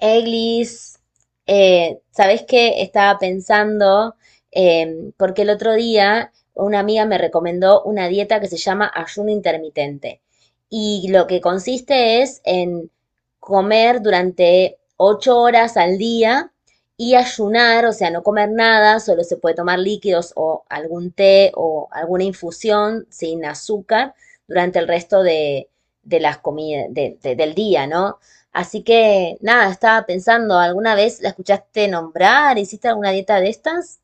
Eglis, ¿sabés qué? Estaba pensando, porque el otro día una amiga me recomendó una dieta que se llama ayuno intermitente. Y lo que consiste es en comer durante ocho horas al día y ayunar, o sea, no comer nada, solo se puede tomar líquidos o algún té o alguna infusión sin azúcar durante de las comidas, del día, ¿no? Así que nada, estaba pensando, ¿alguna vez la escuchaste nombrar? ¿Hiciste alguna dieta de estas?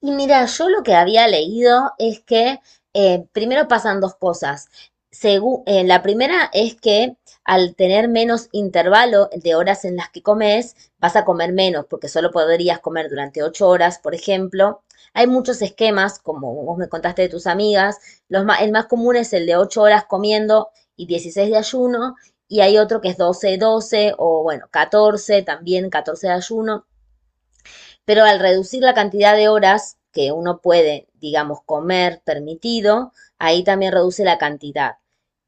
Y mira, yo lo que había leído es que primero pasan dos cosas. La primera es que al tener menos intervalo de horas en las que comes, vas a comer menos, porque solo podrías comer durante ocho horas, por ejemplo. Hay muchos esquemas, como vos me contaste de tus amigas. El más común es el de ocho horas comiendo y 16 de ayuno, y hay otro que es doce doce o bueno, 14 también 14 de ayuno. Pero al reducir la cantidad de horas que uno puede, digamos, comer permitido, ahí también reduce la cantidad.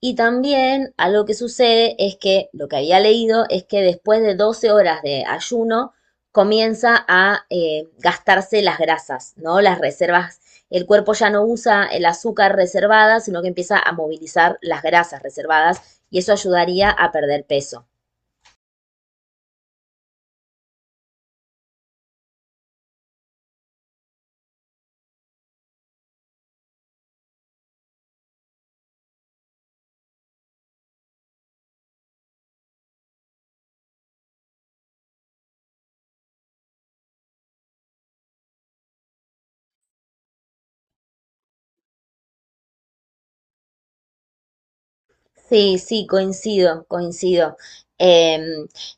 Y también algo que sucede es que lo que había leído es que después de 12 horas de ayuno comienza a gastarse las grasas, ¿no? Las reservas. El cuerpo ya no usa el azúcar reservada, sino que empieza a movilizar las grasas reservadas y eso ayudaría a perder peso. Sí, sí, coincido, coincido. Eh,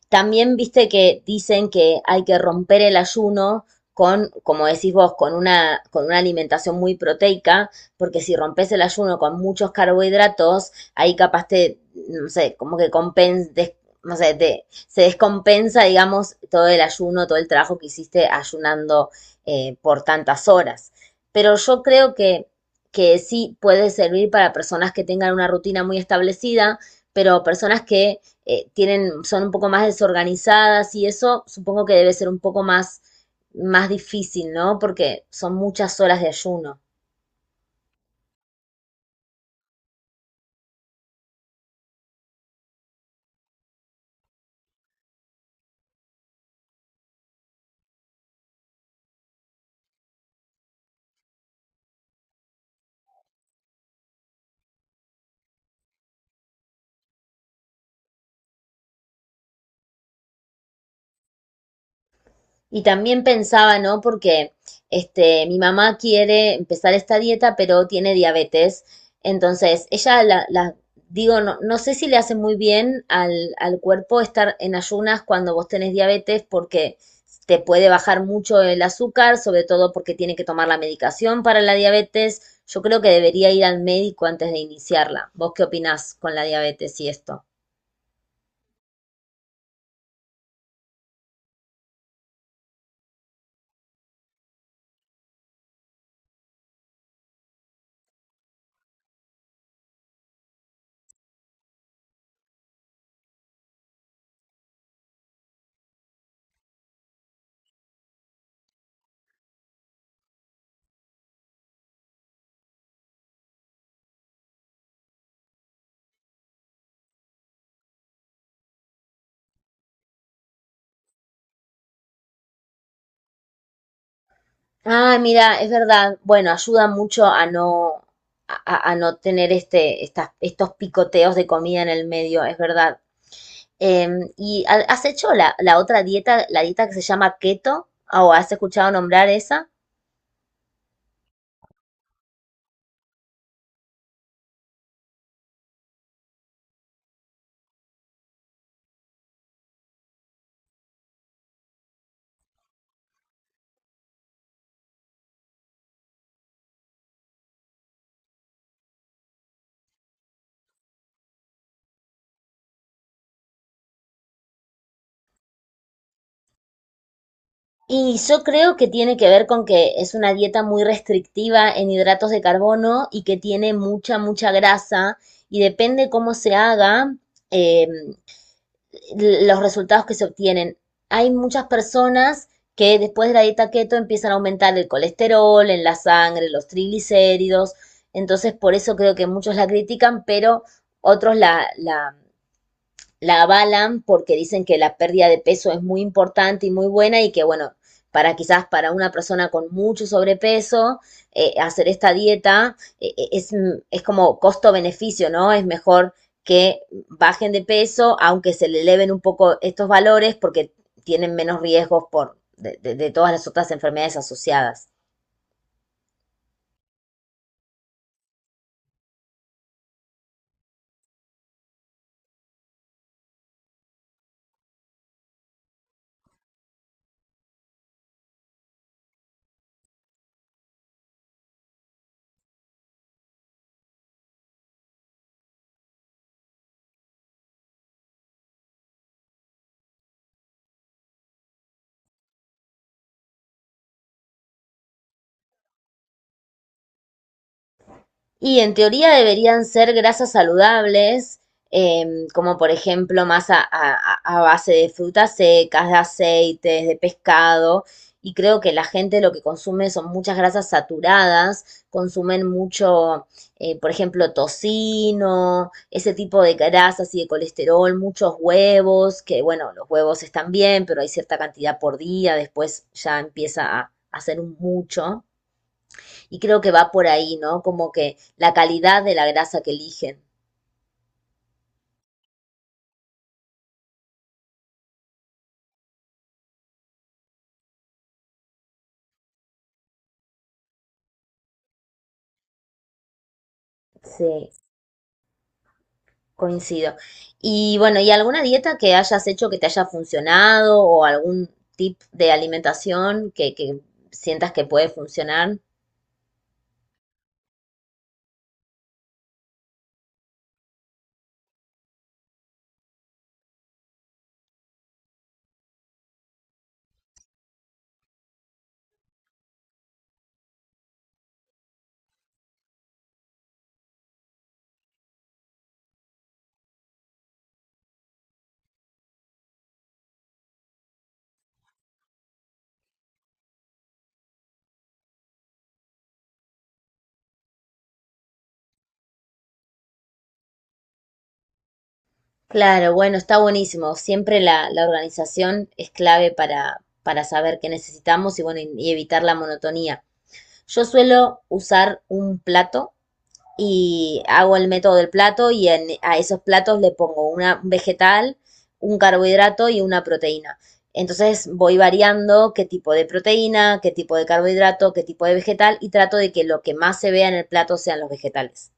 también viste que dicen que hay que romper el ayuno con, como decís vos, con una alimentación muy proteica, porque si rompes el ayuno con muchos carbohidratos, no sé, como que no sé, se descompensa, digamos, todo el ayuno, todo el trabajo que hiciste ayunando por tantas horas. Pero yo creo que sí puede servir para personas que tengan una rutina muy establecida, pero personas que tienen, son un poco más desorganizadas y eso supongo que debe ser un poco más, más difícil, ¿no? Porque son muchas horas de ayuno. Y también pensaba, ¿no? Porque este, mi mamá quiere empezar esta dieta, pero tiene diabetes. Entonces, digo, no, no sé si le hace muy bien al, al cuerpo estar en ayunas cuando vos tenés diabetes, porque te puede bajar mucho el azúcar, sobre todo porque tiene que tomar la medicación para la diabetes. Yo creo que debería ir al médico antes de iniciarla. ¿Vos qué opinás con la diabetes y esto? Ah, mira, es verdad. Bueno, ayuda mucho a no, a no tener estos picoteos de comida en el medio, es verdad. Em, ¿y has hecho la, la otra dieta, la dieta que se llama keto? ¿O has escuchado nombrar esa? Y yo creo que tiene que ver con que es una dieta muy restrictiva en hidratos de carbono y que tiene mucha, mucha grasa y depende cómo se haga, eh, los resultados que se obtienen. Hay muchas personas que después de la dieta keto empiezan a aumentar el colesterol en la sangre, los triglicéridos, entonces por eso creo que muchos la critican, pero otros la avalan porque dicen que la pérdida de peso es muy importante y muy buena y que, bueno, para quizás para una persona con mucho sobrepeso, hacer esta dieta es, mm, es como costo-beneficio, ¿no? Es mejor que bajen de peso, aunque se le eleven un poco estos valores porque tienen menos riesgos de todas las otras enfermedades asociadas. Y en teoría deberían ser grasas saludables, em, como por ejemplo base de frutas secas, de aceites, de pescado. Y creo que la gente lo que consume son muchas grasas saturadas, consumen mucho, por ejemplo, tocino, ese tipo de grasas y de colesterol, muchos huevos, que bueno, los huevos están bien, pero hay cierta cantidad por día, después ya empieza a, hacer un mucho. Y creo que va por ahí, ¿no? Como que la calidad de la grasa que eligen. Sí, coincido. Y bueno, ¿y alguna dieta que hayas hecho que te haya funcionado o algún tip de alimentación que sientas que puede funcionar? Claro, bueno, está buenísimo. Siempre la organización es clave para saber qué necesitamos y bueno, y evitar la monotonía. Yo suelo usar un plato y hago el método del plato y a esos platos le pongo un vegetal, un carbohidrato y una proteína. Entonces voy variando qué tipo de proteína, qué tipo de carbohidrato, qué tipo de vegetal y trato de que lo que más se vea en el plato sean los vegetales.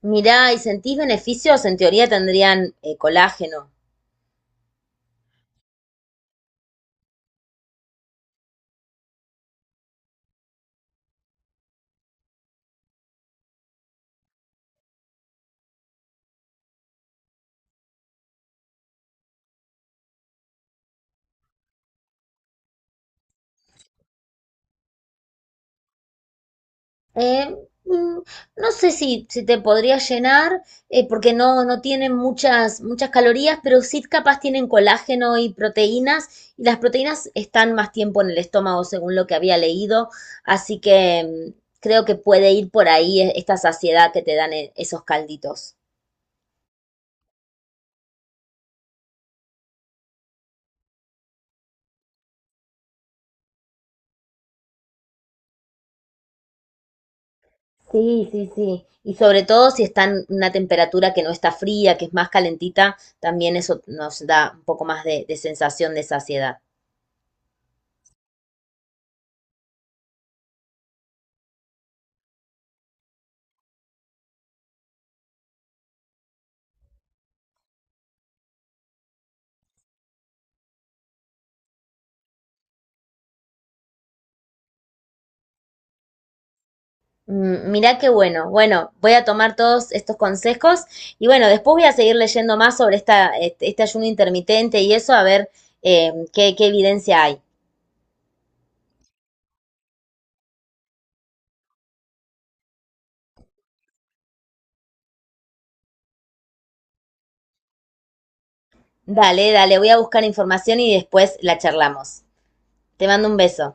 Mirá, ¿y sentís beneficios? En teoría tendrían colágeno. Eh, mm, no sé si, si te podría llenar, porque no, no tienen muchas, muchas calorías, pero sí capaz tienen colágeno y proteínas, y las proteínas están más tiempo en el estómago, según lo que había leído, así que mm, creo que puede ir por ahí esta saciedad que te dan esos calditos. Sí, sí, sí. Y sobre todo si está en una temperatura que no está fría, que es más calentita, también eso nos da un poco más de sensación de saciedad. Mm, mirá qué bueno. Bueno, voy a tomar todos estos consejos y bueno, después voy a seguir leyendo más sobre este ayuno intermitente y eso a ver qué evidencia hay. Dale, dale, voy a buscar información y después la charlamos. Te mando un beso.